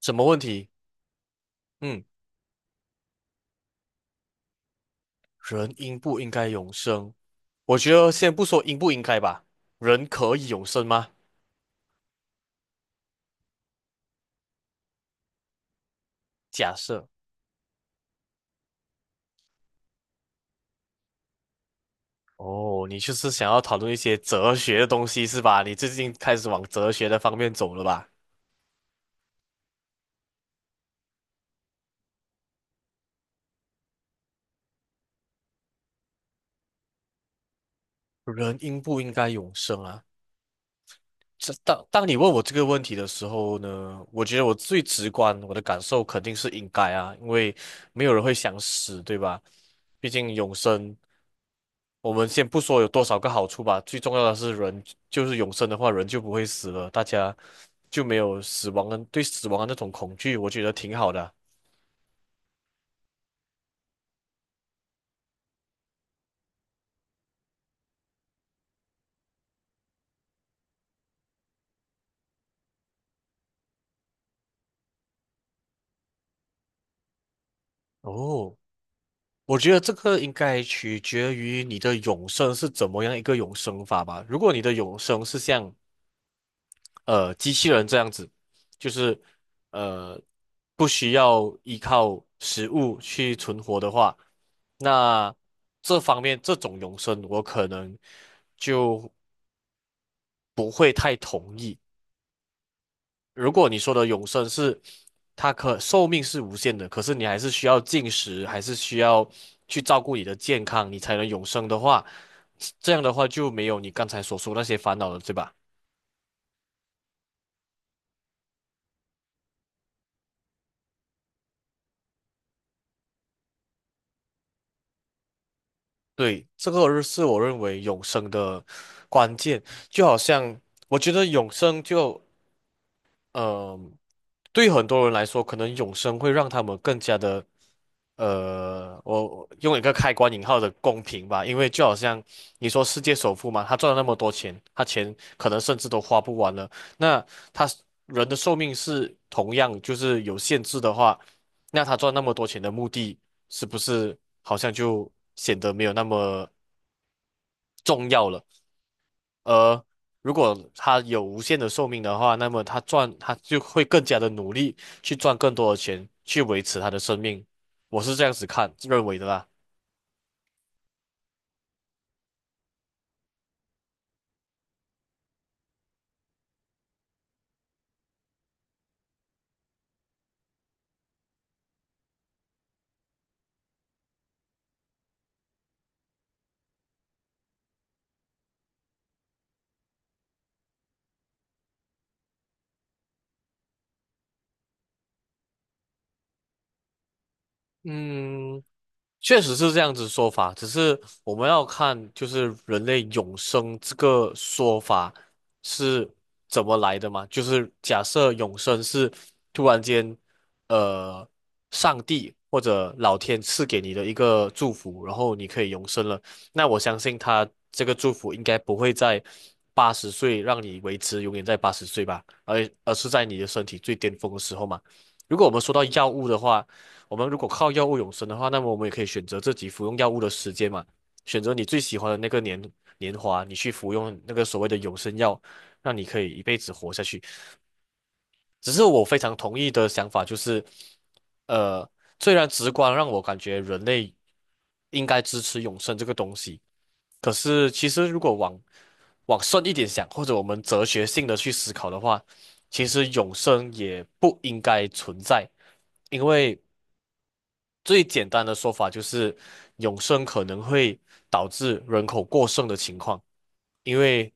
什么问题？嗯，人应不应该永生？我觉得先不说应不应该吧，人可以永生吗？假设哦，你就是想要讨论一些哲学的东西是吧？你最近开始往哲学的方面走了吧？人应不应该永生啊？这当你问我这个问题的时候呢，我觉得我最直观，我的感受肯定是应该啊，因为没有人会想死，对吧？毕竟永生。我们先不说有多少个好处吧，最重要的是人就是永生的话，人就不会死了，大家就没有死亡的对死亡的那种恐惧，我觉得挺好的啊。哦，我觉得这个应该取决于你的永生是怎么样一个永生法吧。如果你的永生是像机器人这样子，就是呃不需要依靠食物去存活的话，那这方面这种永生我可能。就不会太同意。如果你说的永生是它可寿命是无限的，可是你还是需要进食，还是需要去照顾你的健康，你才能永生的话，这样的话就没有你刚才所说那些烦恼了，对吧？对，这个是我认为永生的关键，就好像我觉得永生就呃，对很多人来说，可能永生会让他们更加的，我用一个开关引号的公平吧，因为就好像你说世界首富嘛，他赚了那么多钱，他钱可能甚至都花不完了，那他人的寿命是同样就是有限制的话，那他赚那么多钱的目的是不是好像就显得没有那么重要了？而如果他有无限的寿命的话，那么他就会更加的努力去赚更多的钱，去维持他的生命。我是这样子看，认为的啦。嗯，确实是这样子说法，只是我们要看就是人类永生这个说法是怎么来的嘛？就是假设永生是突然间，呃，上帝或者老天赐给你的一个祝福，然后你可以永生了，那我相信他这个祝福应该不会在八十岁让你维持永远在八十岁吧，而是在你的身体最巅峰的时候嘛。如果我们说到药物的话，我们如果靠药物永生的话，那么我们也可以选择自己服用药物的时间嘛，选择你最喜欢的那个年华，你去服用那个所谓的永生药，让你可以一辈子活下去。只是我非常同意的想法就是，呃，虽然直观让我感觉人类应该支持永生这个东西，可是其实如果往深一点想，或者我们哲学性的去思考的话，其实永生也不应该存在，因为。最简单的说法就是永生可能会导致人口过剩的情况，因为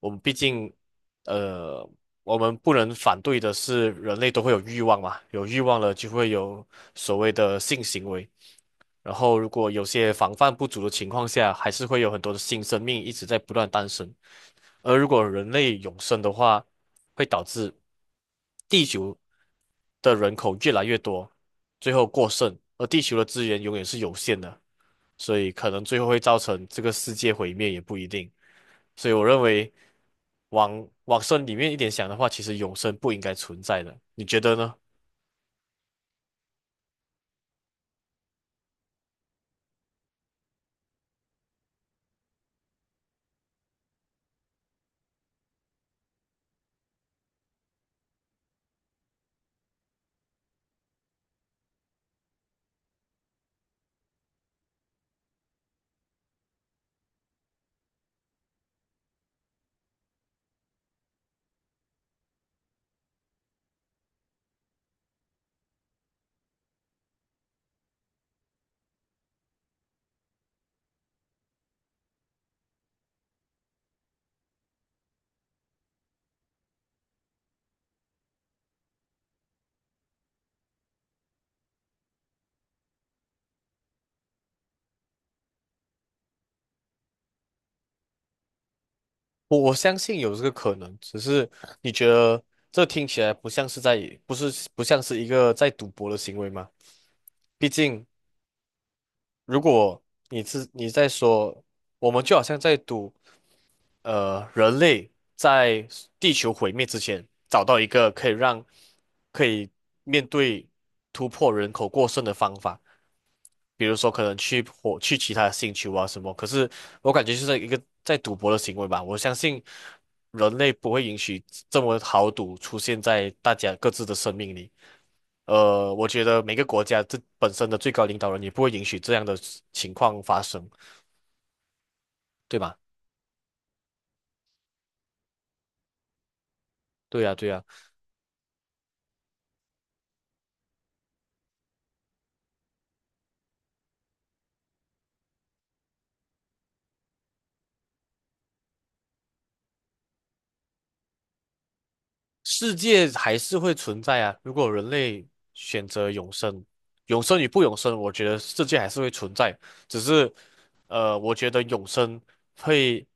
我们毕竟，呃，我们不能反对的是人类都会有欲望嘛，有欲望了就会有所谓的性行为，然后如果有些防范不足的情况下，还是会有很多的新生命一直在不断诞生。而如果人类永生的话，会导致地球的人口越来越多，最后过剩，而地球的资源永远是有限的，所以可能最后会造成这个世界毁灭也不一定。所以我认为往深里面一点想的话，其实永生不应该存在的，你觉得呢？我相信有这个可能，只是你觉得这听起来不像是在，不像是一个在赌博的行为吗？毕竟如果你是你在说，我们就好像在赌。人类在地球毁灭之前，找到一个可以让可以面对突破人口过剩的方法，比如说可能去其他的星球啊什么。可是我感觉就是一个在赌博的行为吧。我相信人类不会允许这么豪赌出现在大家各自的生命里。我觉得每个国家这本身的最高领导人也不会允许这样的情况发生，对吗？对呀，对呀。世界还是会存在啊。如果人类选择永生，永生与不永生，我觉得世界还是会存在。只是，我觉得永生会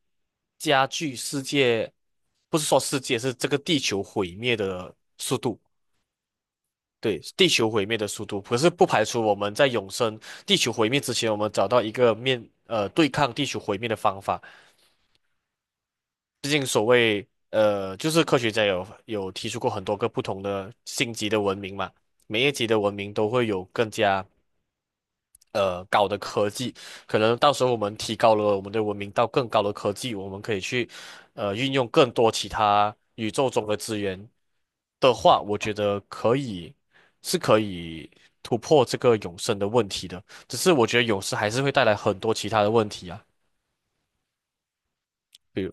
加剧世界，不是说世界，是这个地球毁灭的速度。对，地球毁灭的速度，可是不排除我们在永生、地球毁灭之前，我们找到一个面，对抗地球毁灭的方法。毕竟所谓就是科学家有提出过很多个不同的星级的文明嘛，每一级的文明都会有更加高的科技，可能到时候我们提高了我们的文明到更高的科技，我们可以去运用更多其他宇宙中的资源的话，我觉得可以是可以突破这个永生的问题的，只是我觉得永生还是会带来很多其他的问题啊，比如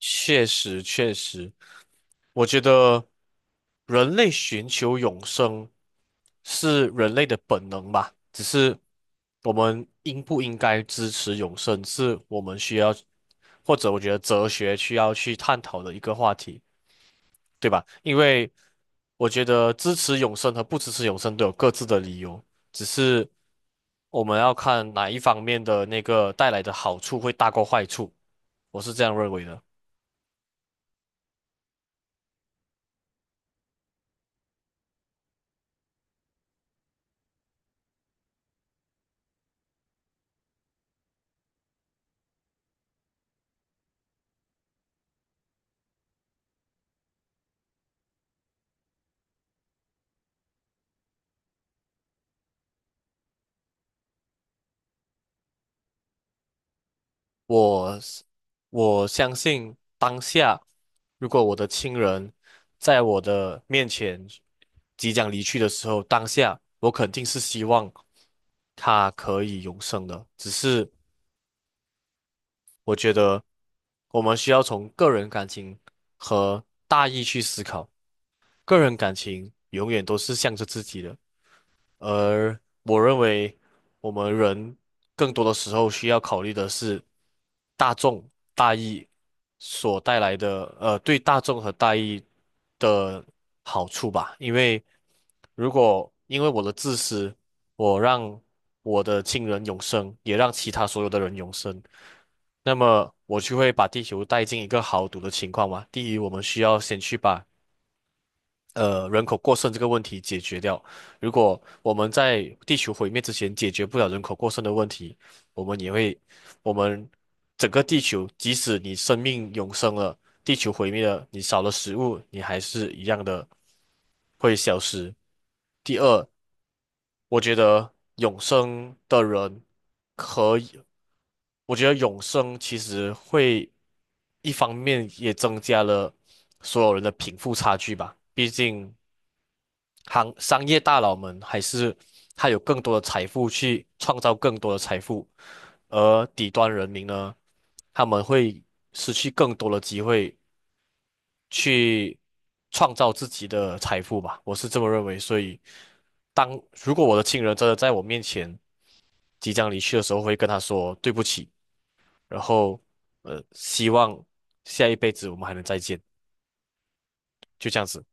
确实确实。我觉得人类寻求永生是人类的本能吧，只是我们应不应该支持永生，是我们需要，或者我觉得哲学需要去探讨的一个话题，对吧？因为我觉得支持永生和不支持永生都有各自的理由，只是我们要看哪一方面的那个带来的好处会大过坏处，我是这样认为的。我是我相信当下，如果我的亲人在我的面前即将离去的时候，当下我肯定是希望他可以永生的。只是我觉得我们需要从个人感情和大义去思考，个人感情永远都是向着自己的。而我认为，我们人更多的时候需要考虑的是大众大义所带来的，对大众和大义的好处吧。因为如果因为我的自私，我让我的亲人永生，也让其他所有的人永生，那么我就会把地球带进一个豪赌的情况嘛。第一，我们需要先去把人口过剩这个问题解决掉。如果我们在地球毁灭之前解决不了人口过剩的问题，我们也会，我们整个地球，即使你生命永生了，地球毁灭了，你少了食物，你还是一样的会消失。第二，我觉得永生的人可以，我觉得永生其实会一方面也增加了所有人的贫富差距吧，毕竟。行商业大佬们，还是他有更多的财富去创造更多的财富，而底端人民呢，他们会失去更多的机会去创造自己的财富吧，我是这么认为。所以，当如果我的亲人真的在我面前即将离去的时候，我会跟他说对不起，然后希望下一辈子我们还能再见，就这样子。